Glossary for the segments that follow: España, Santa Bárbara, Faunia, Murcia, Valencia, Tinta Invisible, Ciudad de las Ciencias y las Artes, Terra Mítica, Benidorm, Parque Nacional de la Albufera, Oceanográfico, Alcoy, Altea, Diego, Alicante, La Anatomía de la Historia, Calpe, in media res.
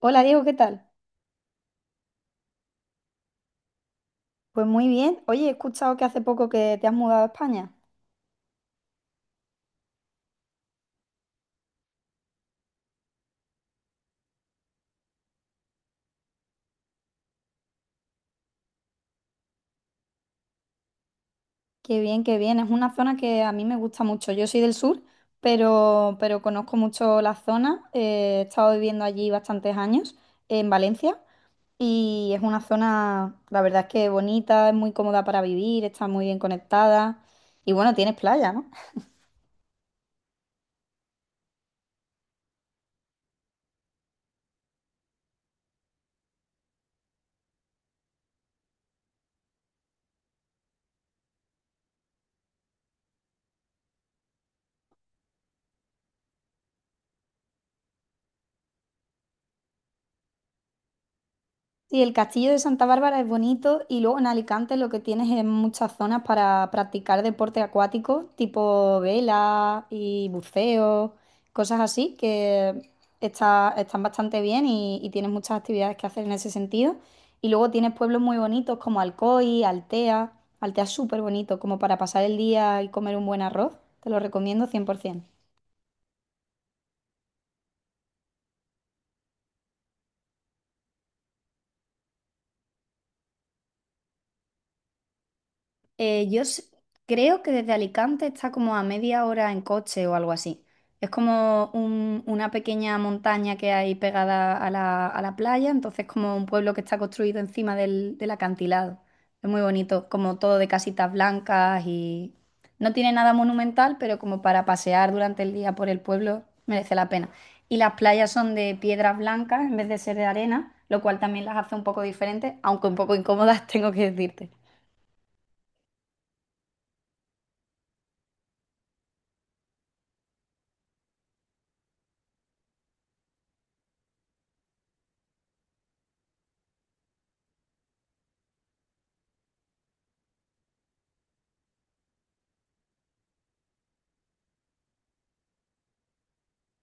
Hola Diego, ¿qué tal? Pues muy bien. Oye, he escuchado que hace poco que te has mudado a España. Qué bien, qué bien. Es una zona que a mí me gusta mucho. Yo soy del sur, pero conozco mucho la zona. He estado viviendo allí bastantes años, en Valencia, y es una zona, la verdad es que bonita, es muy cómoda para vivir, está muy bien conectada. Y bueno, tienes playa, ¿no? Sí, el castillo de Santa Bárbara es bonito y luego en Alicante lo que tienes es muchas zonas para practicar deporte acuático, tipo vela y buceo, cosas así que están bastante bien y tienes muchas actividades que hacer en ese sentido. Y luego tienes pueblos muy bonitos como Alcoy, Altea. Altea es súper bonito como para pasar el día y comer un buen arroz. Te lo recomiendo 100%. Eh, yo s- creo que desde Alicante está como a media hora en coche o algo así. Es como una pequeña montaña que hay pegada a la playa, entonces como un pueblo que está construido encima del acantilado. Es muy bonito, como todo de casitas blancas y no tiene nada monumental, pero como para pasear durante el día por el pueblo merece la pena. Y las playas son de piedras blancas en vez de ser de arena, lo cual también las hace un poco diferentes, aunque un poco incómodas, tengo que decirte.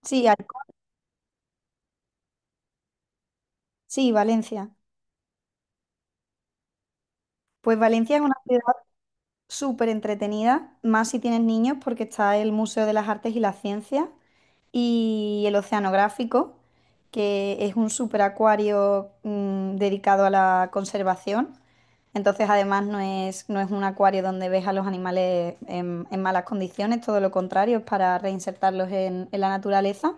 Sí, sí, Valencia. Pues Valencia es una ciudad súper entretenida, más si tienes niños, porque está el Museo de las Artes y las Ciencias y el Oceanográfico, que es un superacuario acuario dedicado a la conservación. Entonces, además, no es un acuario donde ves a los animales en malas condiciones, todo lo contrario, es para reinsertarlos en la naturaleza.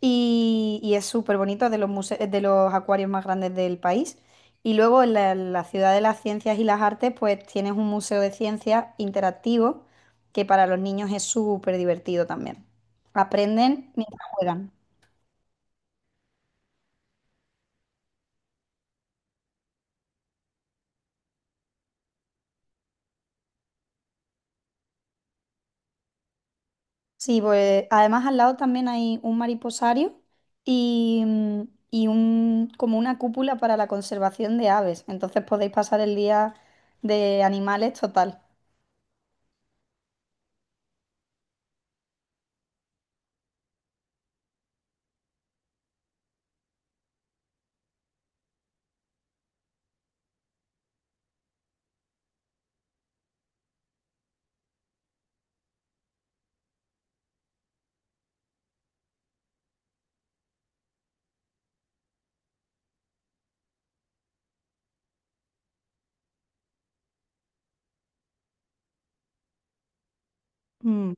Y es súper bonito, es de los acuarios más grandes del país. Y luego en la Ciudad de las Ciencias y las Artes, pues tienes un museo de ciencias interactivo que para los niños es súper divertido también. Aprenden mientras juegan. Sí, pues además al lado también hay un mariposario y, mm, y un, como una cúpula para la conservación de aves. Entonces podéis pasar el día de animales total. Mm.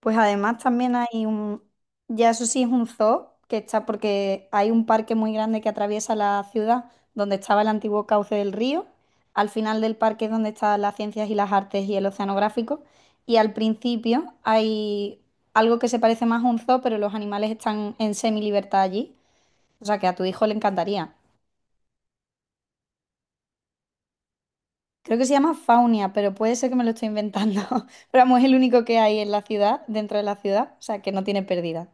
Pues además también hay un, ya eso sí es un zoo que está porque hay un parque muy grande que atraviesa la ciudad donde estaba el antiguo cauce del río. Al final del parque es donde están las ciencias y las artes y el oceanográfico. Y al principio hay algo que se parece más a un zoo, pero los animales están en semi-libertad allí. O sea que a tu hijo le encantaría. Creo que se llama Faunia, pero puede ser que me lo estoy inventando. Pero vamos, es el único que hay en la ciudad, dentro de la ciudad, o sea que no tiene pérdida.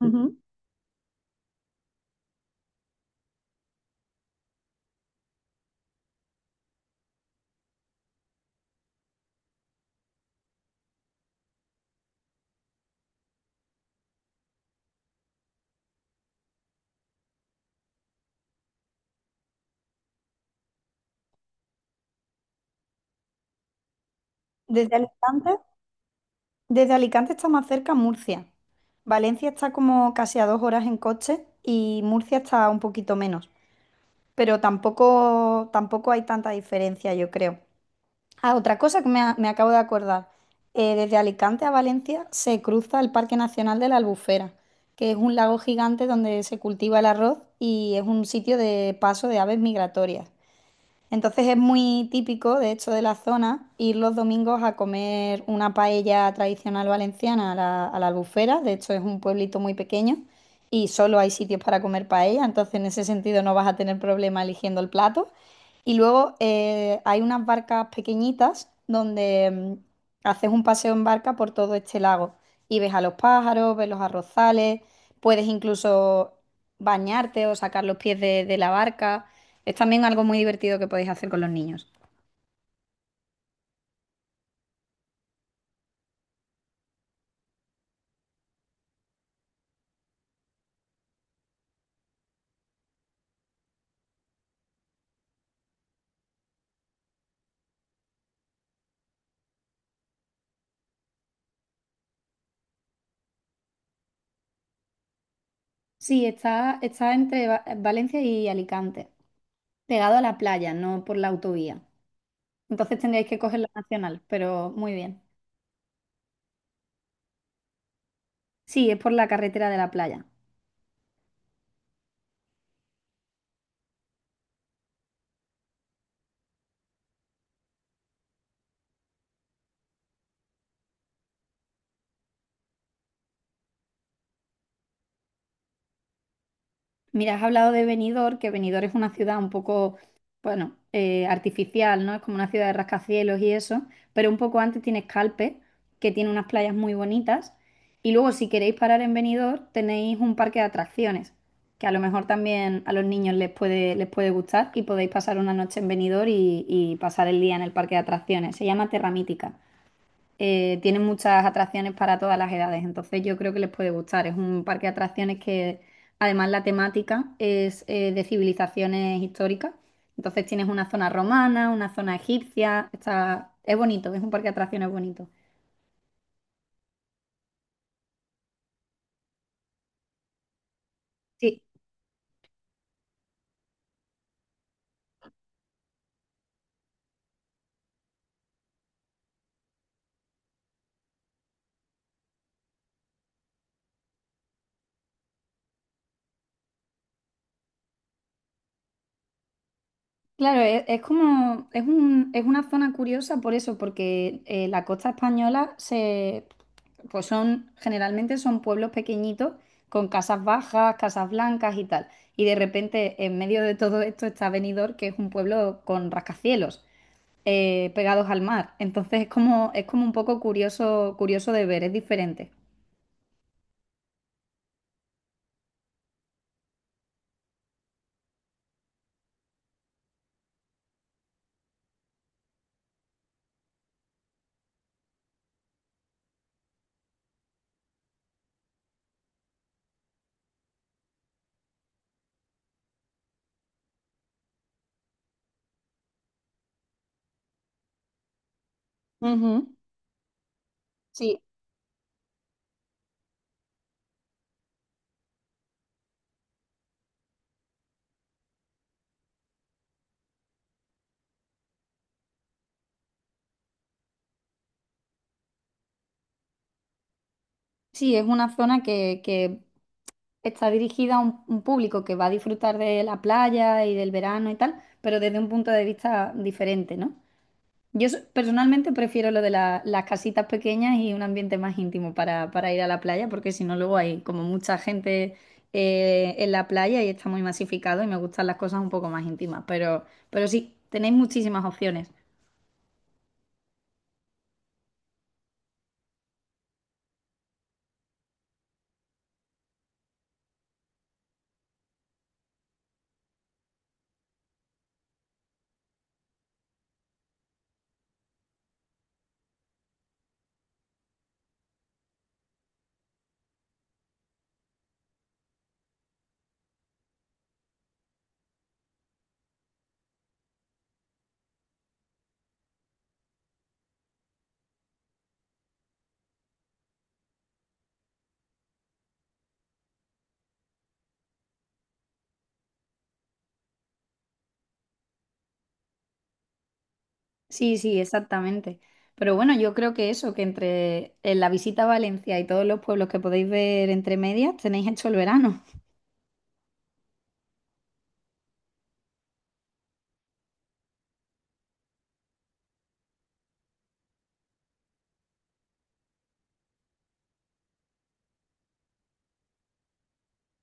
Ujú. Desde el instante. Desde Alicante está más cerca Murcia. Valencia está como casi a dos horas en coche y Murcia está un poquito menos. Pero tampoco hay tanta diferencia, yo creo. Ah, otra cosa que me acabo de acordar. Desde Alicante a Valencia se cruza el Parque Nacional de la Albufera, que es un lago gigante donde se cultiva el arroz y es un sitio de paso de aves migratorias. Entonces es muy típico, de hecho, de la zona ir los domingos a comer una paella tradicional valenciana a la Albufera. De hecho, es un pueblito muy pequeño y solo hay sitios para comer paella, entonces en ese sentido no vas a tener problema eligiendo el plato. Y luego hay unas barcas pequeñitas donde haces un paseo en barca por todo este lago y ves a los pájaros, ves los arrozales, puedes incluso bañarte o sacar los pies de la barca. Es también algo muy divertido que podéis hacer con los niños. Sí, está entre Valencia y Alicante, pegado a la playa, no por la autovía. Entonces tendríais que coger la nacional, pero muy bien. Sí, es por la carretera de la playa. Mira, has hablado de Benidorm, que Benidorm es una ciudad un poco, bueno, artificial, ¿no? Es como una ciudad de rascacielos y eso, pero un poco antes tienes Calpe, que tiene unas playas muy bonitas, y luego si queréis parar en Benidorm tenéis un parque de atracciones, que a lo mejor también a los niños les puede gustar y podéis pasar una noche en Benidorm y pasar el día en el parque de atracciones. Se llama Terra Mítica. Tiene muchas atracciones para todas las edades, entonces yo creo que les puede gustar. Es un parque de atracciones que además la temática es de civilizaciones históricas, entonces tienes una zona romana, una zona egipcia, está es bonito, es un parque de atracciones bonito. Sí. Claro, es como, es un- es una zona curiosa por eso, porque la costa española se, pues son, generalmente son pueblos pequeñitos con casas bajas, casas blancas y tal. Y de repente, en medio de todo esto está Benidorm, que es un pueblo con rascacielos, pegados al mar. Entonces es como un poco curioso, curioso de ver, es diferente. Ujú. Sí, sí, es una zona que, está dirigida a un público que va a disfrutar de la playa y del verano y tal, pero desde un punto de vista diferente, ¿no? Personalmente prefiero lo de las casitas pequeñas y un ambiente más íntimo para ir a la playa, porque si no luego hay como mucha gente en la playa y está muy masificado y me gustan las cosas un poco más íntimas, pero sí, tenéis muchísimas opciones. Sí, sí, exactamente. Pero bueno, yo creo que eso, que entre la visita a Valencia y todos los pueblos que podéis ver entre medias, tenéis hecho el verano.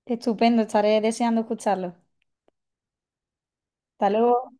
Estupendo, estaré deseando escucharlo. Hasta luego.